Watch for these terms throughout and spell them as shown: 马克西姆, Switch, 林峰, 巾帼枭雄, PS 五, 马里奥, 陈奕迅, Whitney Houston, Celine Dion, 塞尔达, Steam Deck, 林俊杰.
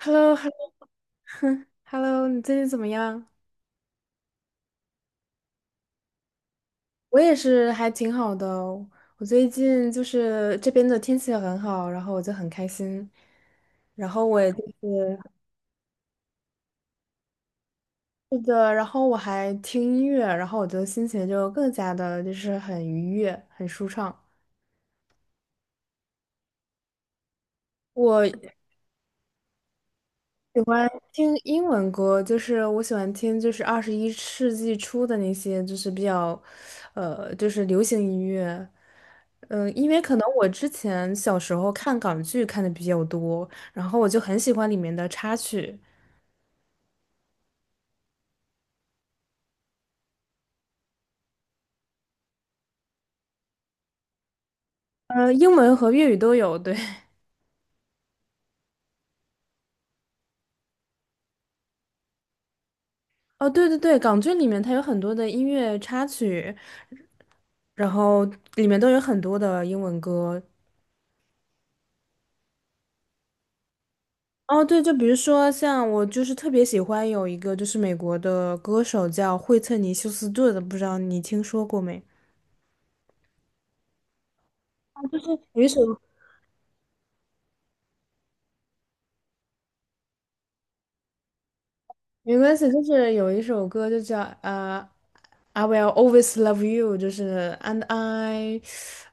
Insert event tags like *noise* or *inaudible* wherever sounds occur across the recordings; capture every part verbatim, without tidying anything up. h e l l o h e l l o *laughs* 哼，Hello，你最近怎么样？我也是，还挺好的哦。我最近就是这边的天气很好，然后我就很开心。然后我也就是，是的，然后我还听音乐，然后我就心情就更加的就是很愉悦，很舒畅。我喜欢听英文歌，就是我喜欢听就是二十一世纪初的那些，就是比较，呃，就是流行音乐。嗯，因为可能我之前小时候看港剧看的比较多，然后我就很喜欢里面的插曲，呃，英文和粤语都有。对，*laughs* 哦，对对对，港剧里面它有很多的音乐插曲，然后里面都有很多的英文歌。哦，对，就比如说像我就是特别喜欢有一个就是美国的歌手叫惠特尼休斯顿的，不知道你听说过没？没关系，就是有一首歌就叫呃，I will always love you，就是 And I，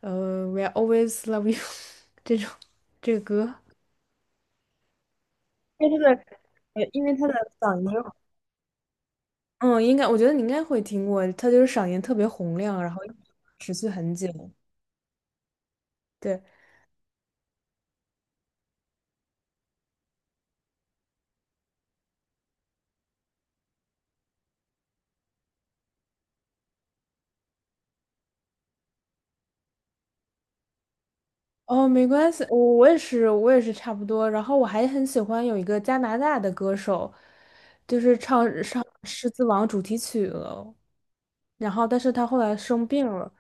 呃，will always love you *laughs* 这种这个歌，因为他的呃，因为它的嗓音，嗯，应该我觉得你应该会听过，他就是嗓音特别洪亮，然后持续很久，对。哦，没关系，我我也是，我也是差不多。然后我还很喜欢有一个加拿大的歌手，就是唱唱《狮子王》主题曲了。然后，但是他后来生病了。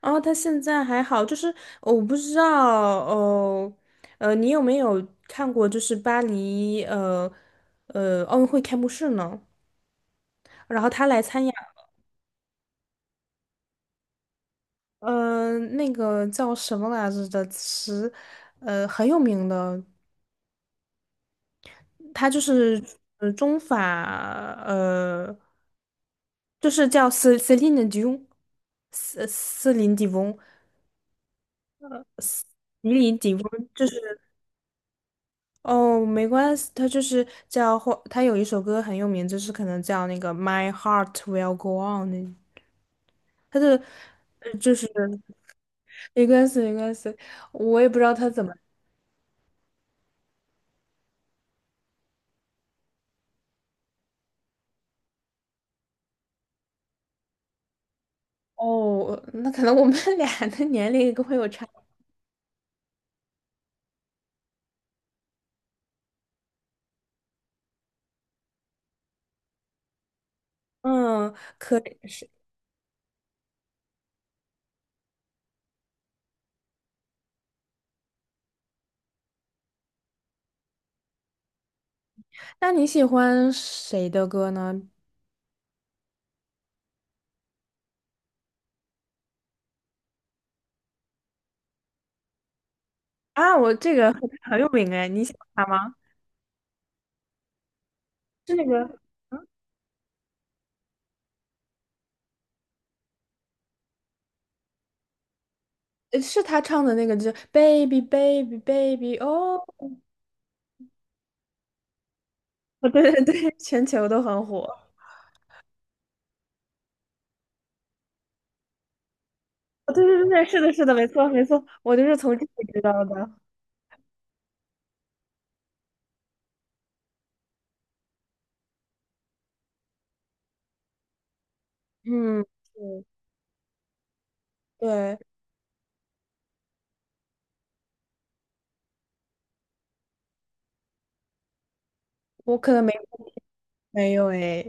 然后他现在还好，就是我不知道。哦，呃，你有没有看过就是巴黎呃呃奥运会开幕式呢？然后他来参加，呃，那个叫什么来着的词，呃，很有名的。它就是呃中法呃，就是叫 Ce- Celine Dion，斯斯林迪翁，迪林迪翁就是。哦，没关系，它就是叫或它有一首歌很有名，就是可能叫那个 My Heart Will Go On 那，它的呃就是。没关系没关系，我也不知道它怎么。哦，那可能我们 *laughs* 俩的年龄会有差，嗯，可以是。那你喜欢谁的歌呢？啊，我这个很很有名哎，你喜欢他吗？是那个，嗯呃是他唱的那个，就是 Baby Baby Baby 哦。哦对对对，全球都很火。哦，对对对，对，是的，是的，没错没错，我就是从这里知道的。嗯，是对，我可能没没有哎。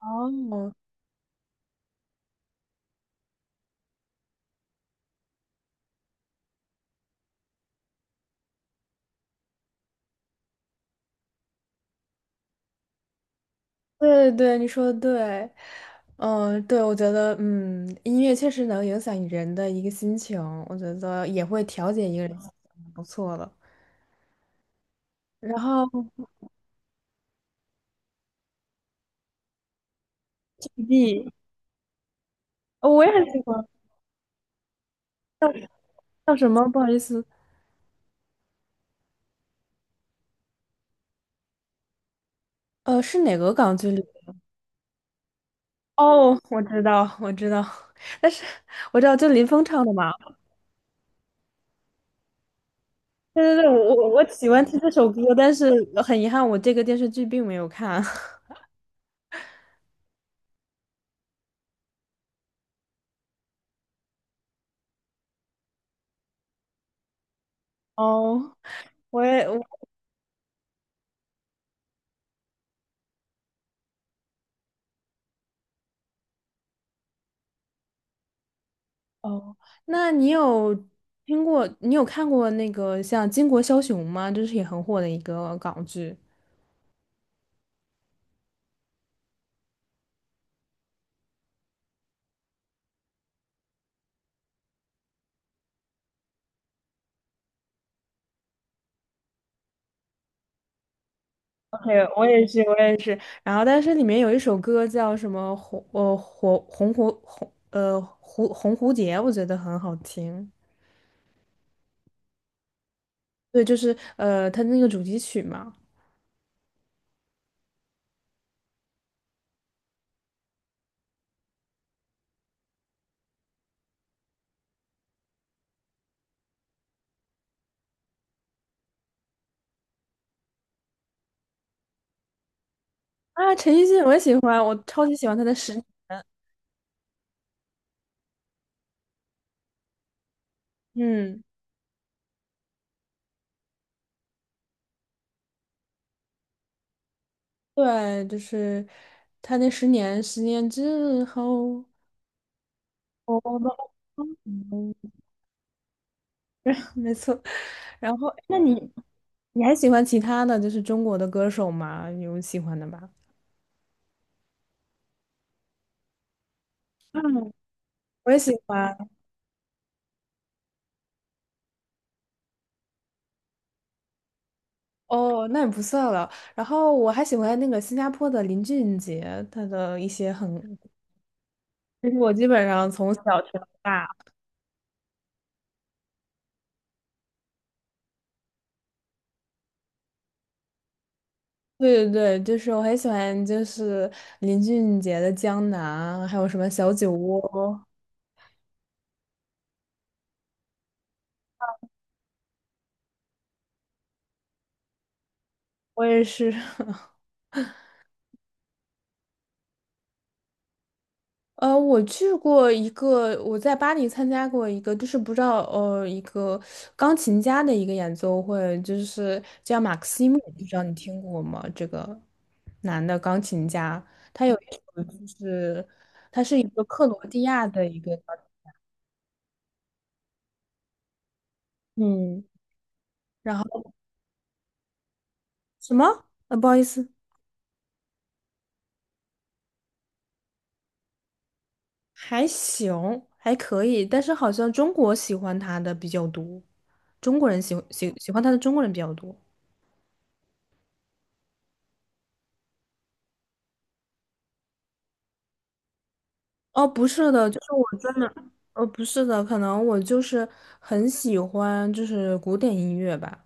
哦，对对对，你说的对。嗯，对，我觉得，嗯，音乐确实能影响人的一个心情，我觉得也会调节一个人心情不错的。然后 G B，哦我也很喜欢。叫什么？不好意思，呃，是哪个港剧里？哦，我知道，我知道。*laughs* 但是我知道就林峰唱的嘛。对对对，我我我喜欢听这首歌，但是很遗憾，我这个电视剧并没有看。*laughs* 哦，我也我哦，那你有听过，你有看过那个像《巾帼枭雄》吗？这是也很火的一个港剧。对，我也是，我也是。然后，但是里面有一首歌叫什么红呃火红蝴红呃蝴红蝴蝶，我觉得很好听。对，就是呃他那个主题曲嘛。啊，陈奕迅我也喜欢，我超级喜欢他的《十年》。嗯，对，就是他那《十年》，十年之后，我们嗯 *laughs* 没错。然后，那你你还喜欢其他的就是中国的歌手吗？有喜欢的吗？嗯，我也喜欢。哦，那也不算了。然后我还喜欢那个新加坡的林俊杰，他的一些很，就是我基本上从小听到大。对对对，就是我很喜欢，就是林俊杰的《江南》，还有什么《小酒窝》，我也是。*laughs* 呃，我去过一个，我在巴黎参加过一个，就是不知道呃，一个钢琴家的一个演奏会，就是叫马克西姆，不知道你听过吗？这个男的钢琴家，他有一首就是是一个克罗地亚的一个，嗯，然后什么？呃，不好意思，还行，还可以，但是好像中国喜欢他的比较多，中国人喜喜喜欢他的中国人比较多。哦，不是的，就是我真的，呃，不是的，可能我就是很喜欢就是古典音乐吧，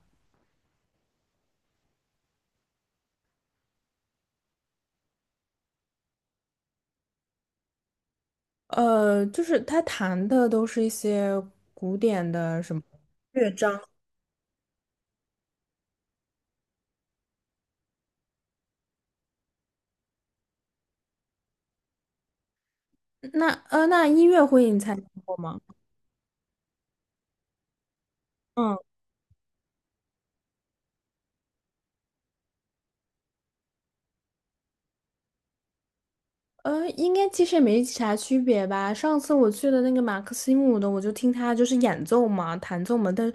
呃，就是他弹的都是一些古典的什么。那呃，那音乐会你参加过吗？嗯。呃，应该其实也没啥区别吧。上次我去的那个马克西姆的，我就听他就是演奏嘛，弹奏嘛，但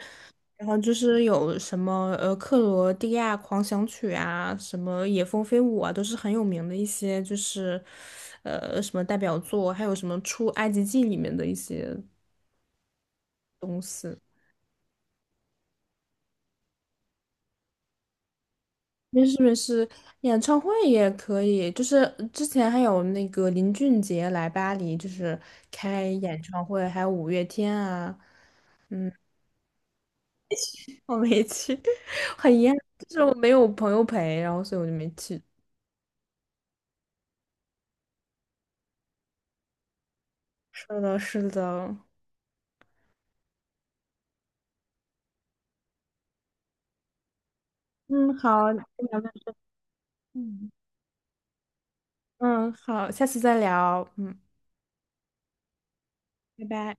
然后就是有什么呃克罗地亚狂想曲啊，什么野蜂飞舞啊，都是很有名的一些，就是呃什么代表作，还有什么出埃及记里面的一些东西。没事没事，演唱会也可以，就是之前还有那个林俊杰来巴黎，就是开演唱会，还有五月天啊。嗯。*laughs* 我没去，*laughs* 很遗憾，就是我没有朋友陪，然后所以我就没去。是的，是的。嗯，好，聊到这嗯，嗯，好，下次再聊。嗯，拜拜。